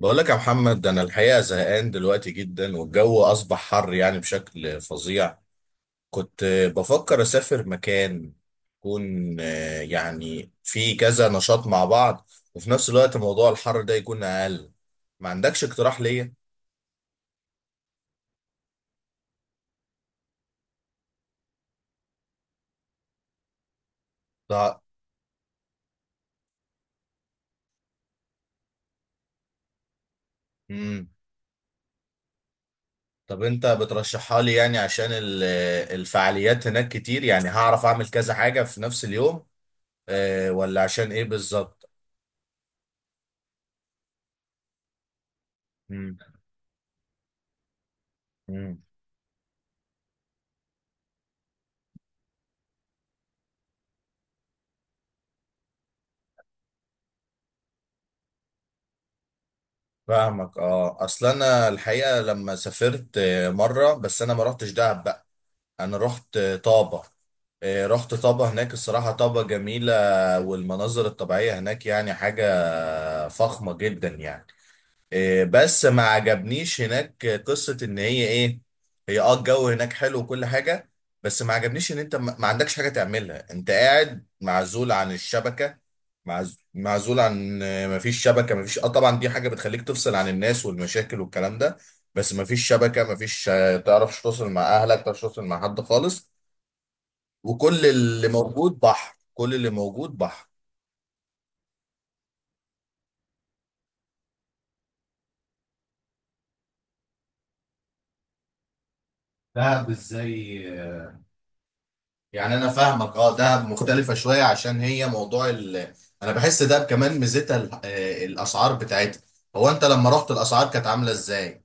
بقول لك يا محمد، انا الحقيقه زهقان دلوقتي جدا، والجو اصبح حر يعني بشكل فظيع. كنت بفكر اسافر مكان يكون يعني فيه كذا نشاط مع بعض، وفي نفس الوقت موضوع الحر ده يكون اقل. ما عندكش اقتراح ليا؟ لا. امم. طب انت بترشحها لي يعني عشان الفعاليات هناك كتير، يعني هعرف اعمل كذا حاجه في نفس اليوم؟ ولا عشان ايه بالظبط؟ امم. فاهمك. اه اصل انا الحقيقه لما سافرت مره، بس انا ما رحتش دهب بقى. انا رحت طابه. رحت طابه، هناك الصراحه طابه جميله. والمناظر الطبيعيه هناك يعني حاجه فخمه جدا يعني. بس ما عجبنيش هناك، قصة ان هي ايه. هي الجو هناك حلو وكل حاجة. بس ما عجبنيش ان انت ما عندكش حاجة تعملها، انت قاعد معزول عن الشبكة. معزول عن ما فيش شبكة، ما فيش اه طبعا دي حاجة بتخليك تفصل عن الناس والمشاكل والكلام ده. بس ما فيش شبكة، ما فيش آه، تعرفش توصل مع اهلك، تعرفش توصل مع حد خالص. وكل اللي بالظبط موجود بحر، كل اللي موجود بحر. دهب ازاي؟ يعني انا فاهمك. اه دهب مختلفه شويه عشان هي موضوع انا بحس دهب كمان ميزتها ال... آه، الاسعار بتاعتها. هو انت لما رحت الاسعار كانت عامله ازاي؟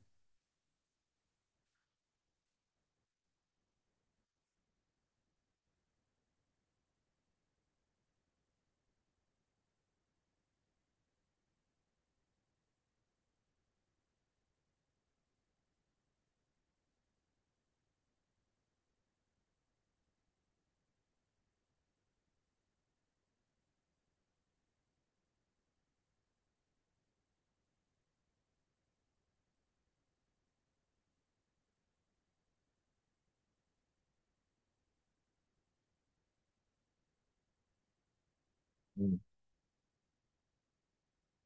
مم.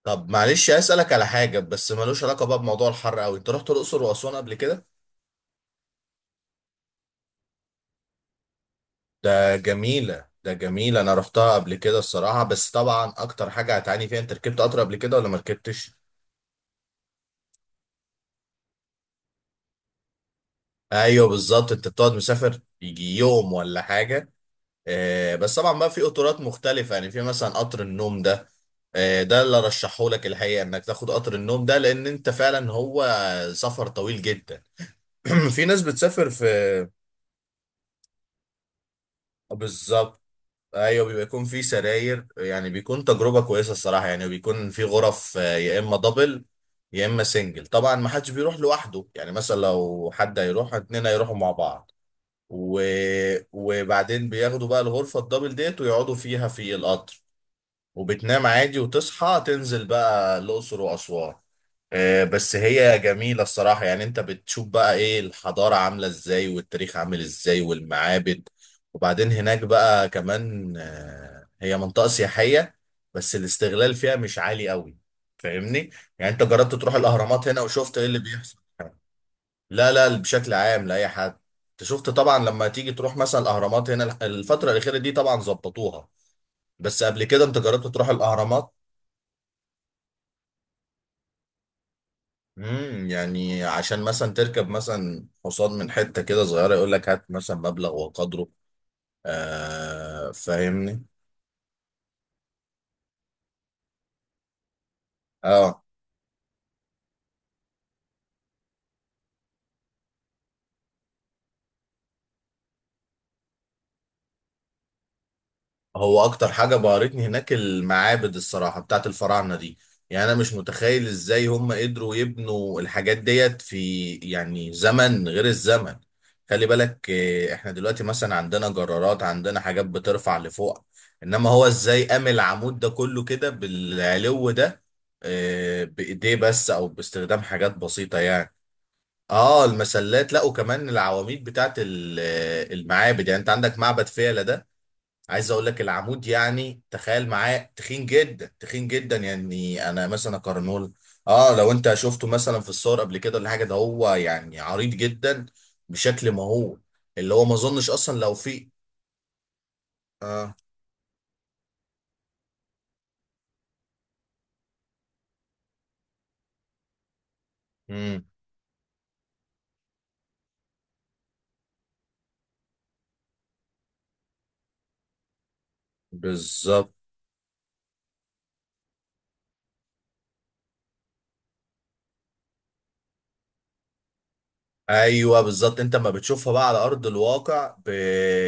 طب معلش، اسالك على حاجه بس ملوش علاقه بقى بموضوع الحر قوي. انت رحت الاقصر واسوان قبل كده؟ ده جميله، ده جميله، انا رحتها قبل كده الصراحه. بس طبعا اكتر حاجه هتعاني فيها، انت ركبت قطر قبل كده ولا ما ركبتش؟ ايوه بالظبط. انت بتقعد مسافر يجي يوم ولا حاجه. بس طبعا بقى في قطارات مختلفة، يعني في مثلا قطر النوم ده. ده اللي رشحه لك الحقيقة انك تاخد قطر النوم ده، لان انت فعلا هو سفر طويل جدا. في ناس بتسافر في بالظبط. ايوه بيبقى يكون في سراير، يعني بيكون تجربة كويسة الصراحة. يعني بيكون في غرف يا اما دبل، يا اما سنجل. طبعا ما حدش بيروح لوحده، يعني مثلا لو حد هيروح اتنين هيروحوا مع بعض و... وبعدين بياخدوا بقى الغرفة الدبل ديت، ويقعدوا فيها في القطر. وبتنام عادي، وتصحى تنزل بقى الأقصر وأسوان. بس هي جميلة الصراحة. يعني انت بتشوف بقى ايه الحضارة عاملة ازاي، والتاريخ عامل ازاي، والمعابد. وبعدين هناك بقى كمان هي منطقة سياحية. بس الاستغلال فيها مش عالي قوي. فاهمني. يعني انت جربت تروح الأهرامات هنا وشفت ايه اللي بيحصل؟ لا، لا، بشكل عام لأي حد. انت شفت طبعا لما تيجي تروح مثلا الأهرامات هنا، الفترة الأخيرة دي طبعا ظبطوها. بس قبل كده انت جربت تروح الأهرامات؟ يعني عشان مثلا تركب مثلا حصان من حتة كده صغيرة يقول لك هات مثلا مبلغ وقدره. فاهمني. اه هو اكتر حاجه بهرتني هناك المعابد الصراحه، بتاعت الفراعنه دي. يعني انا مش متخيل ازاي هم قدروا يبنوا الحاجات ديت في يعني زمن غير الزمن. خلي بالك، احنا دلوقتي مثلا عندنا جرارات، عندنا حاجات بترفع لفوق. انما هو ازاي قام العمود ده كله كده بالعلو ده. بايديه بس، او باستخدام حاجات بسيطه يعني. اه المسلات، لا وكمان العواميد بتاعت المعابد. يعني انت عندك معبد فيلة ده. عايز اقول لك العمود يعني تخيل معاه تخين جدا، تخين جدا، يعني انا مثلا اقارنه. اه لو انت شفته مثلا في الصور قبل كده ولا حاجه، ده هو يعني عريض جدا بشكل مهول. اللي هو ما اظنش اصلا لو في... اه. امم. بالظبط. ايوه بالظبط، انت ما بتشوفها بقى على ارض الواقع ب...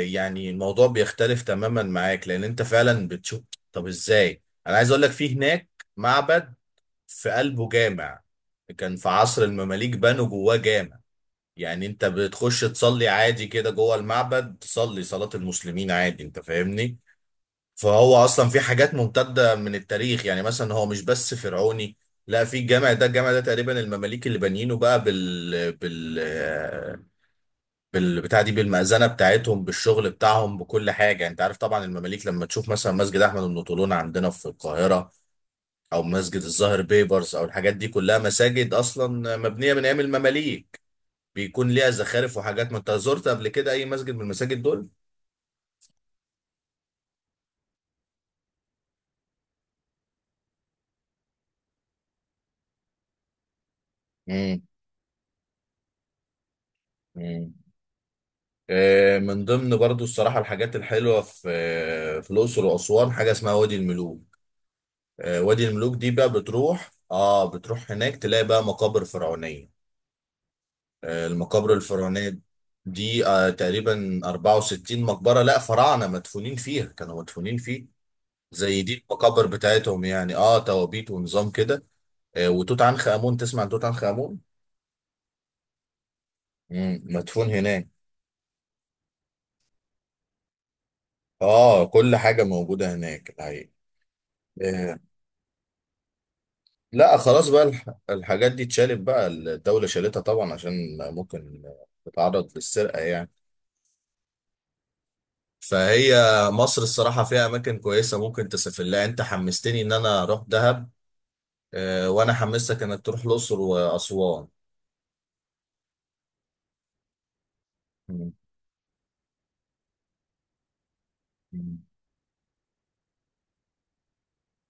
يعني الموضوع بيختلف تماما معاك، لان انت فعلا بتشوف. طب ازاي. انا عايز اقول لك في هناك معبد، في قلبه جامع. كان في عصر المماليك بنوا جواه جامع. يعني انت بتخش تصلي عادي كده جوه المعبد، تصلي صلاة المسلمين عادي، انت فاهمني. فهو اصلا في حاجات ممتدة من التاريخ، يعني مثلا هو مش بس فرعوني. لا، في الجامع ده، تقريبا المماليك اللي بانيينه بقى بال بال بال بتاع دي، بالمأذنة بتاعتهم، بالشغل بتاعهم، بكل حاجة. يعني انت عارف طبعا المماليك لما تشوف مثلا مسجد احمد بن طولون عندنا في القاهرة، او مسجد الزهر بيبرس، او الحاجات دي كلها مساجد اصلا مبنيه من ايام المماليك. بيكون ليها زخارف وحاجات. ما انت زرت قبل كده اي مسجد من المساجد دول. امم. امم. من ضمن برضو الصراحه الحاجات الحلوه في في الاقصر واسوان حاجه اسمها وادي الملوك. وادي الملوك دي بقى بتروح هناك تلاقي بقى مقابر فرعونيه. المقابر الفرعونيه دي تقريبا 64 مقبره، لا فراعنه مدفونين فيها، كانوا مدفونين فيه. زي دي المقابر بتاعتهم يعني، توابيت ونظام كده. وتوت عنخ امون. تسمع عن توت عنخ امون؟ مم. مدفون هناك. اه، كل حاجه موجوده هناك الحقيقه. آه لا خلاص بقى، الحاجات دي اتشالت بقى. الدوله شالتها طبعا عشان ممكن تتعرض للسرقه يعني. فهي مصر الصراحه فيها اماكن كويسه ممكن تسافر لها. انت حمستني ان انا اروح دهب، وانا حمستك انك تروح الاقصر واسوان. مم.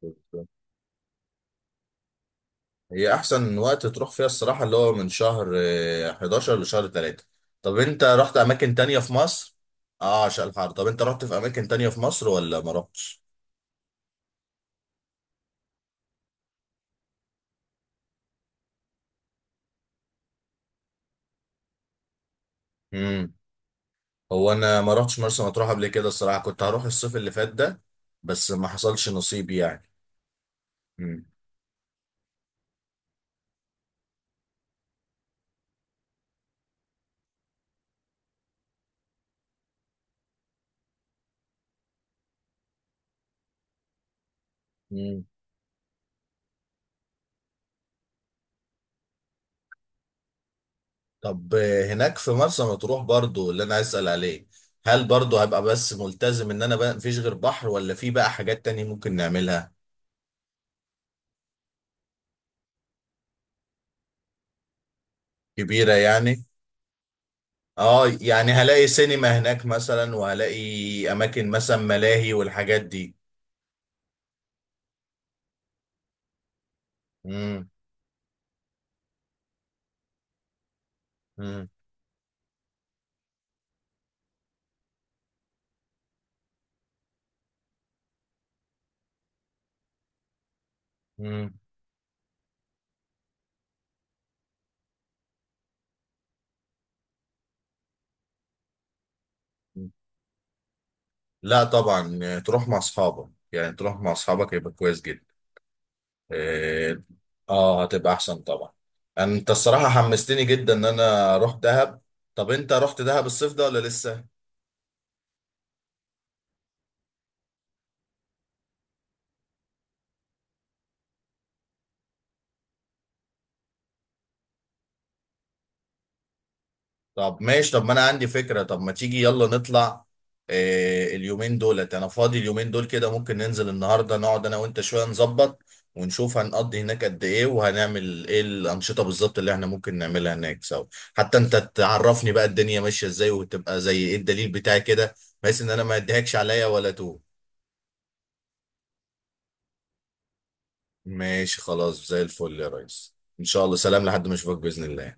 مم. هي احسن وقت تروح فيها الصراحه اللي هو من شهر 11 لشهر 3. طب انت رحت اماكن تانية في مصر؟ اه عشان الحر. طب انت رحت في اماكن تانية في مصر ولا ما رحتش؟ امم. هو انا ما رحتش مرسى مطروح قبل كده الصراحه. كنت هروح الصيف اللي فات ده، بس ما حصلش نصيب يعني. امم. امم. طب هناك في مرسى مطروح برضو اللي انا عايز اسال عليه، هل برضو هبقى بس ملتزم ان انا بقى مفيش غير بحر، ولا في بقى حاجات تانية ممكن نعملها؟ كبيرة يعني؟ اه، يعني هلاقي سينما هناك مثلا، وهلاقي اماكن مثلا ملاهي والحاجات دي؟ امم. امم. امم. لا طبعا، تروح مع اصحابك، يعني تروح مع اصحابك يبقى كويس جدا. اه. هتبقى احسن طبعا. انت الصراحة حمستني جدا ان انا اروح دهب. طب انت رحت دهب الصيف ده ولا لسه؟ طب ماشي، طب ما انا عندي فكرة، طب ما تيجي يلا نطلع. اليومين دولت انا فاضي، اليومين دول كده ممكن ننزل النهاردة، نقعد انا وانت شوية نظبط، ونشوف هنقضي هناك قد ايه، وهنعمل ايه الانشطة بالظبط اللي احنا ممكن نعملها هناك سوا. حتى انت تعرفني بقى الدنيا ماشية ازاي، وتبقى زي ايه الدليل بتاعي كده، بحيث ان انا ما اديهاكش عليا ولا تو. ماشي خلاص، زي الفل يا ريس. ان شاء الله، سلام لحد ما اشوفك بإذن الله.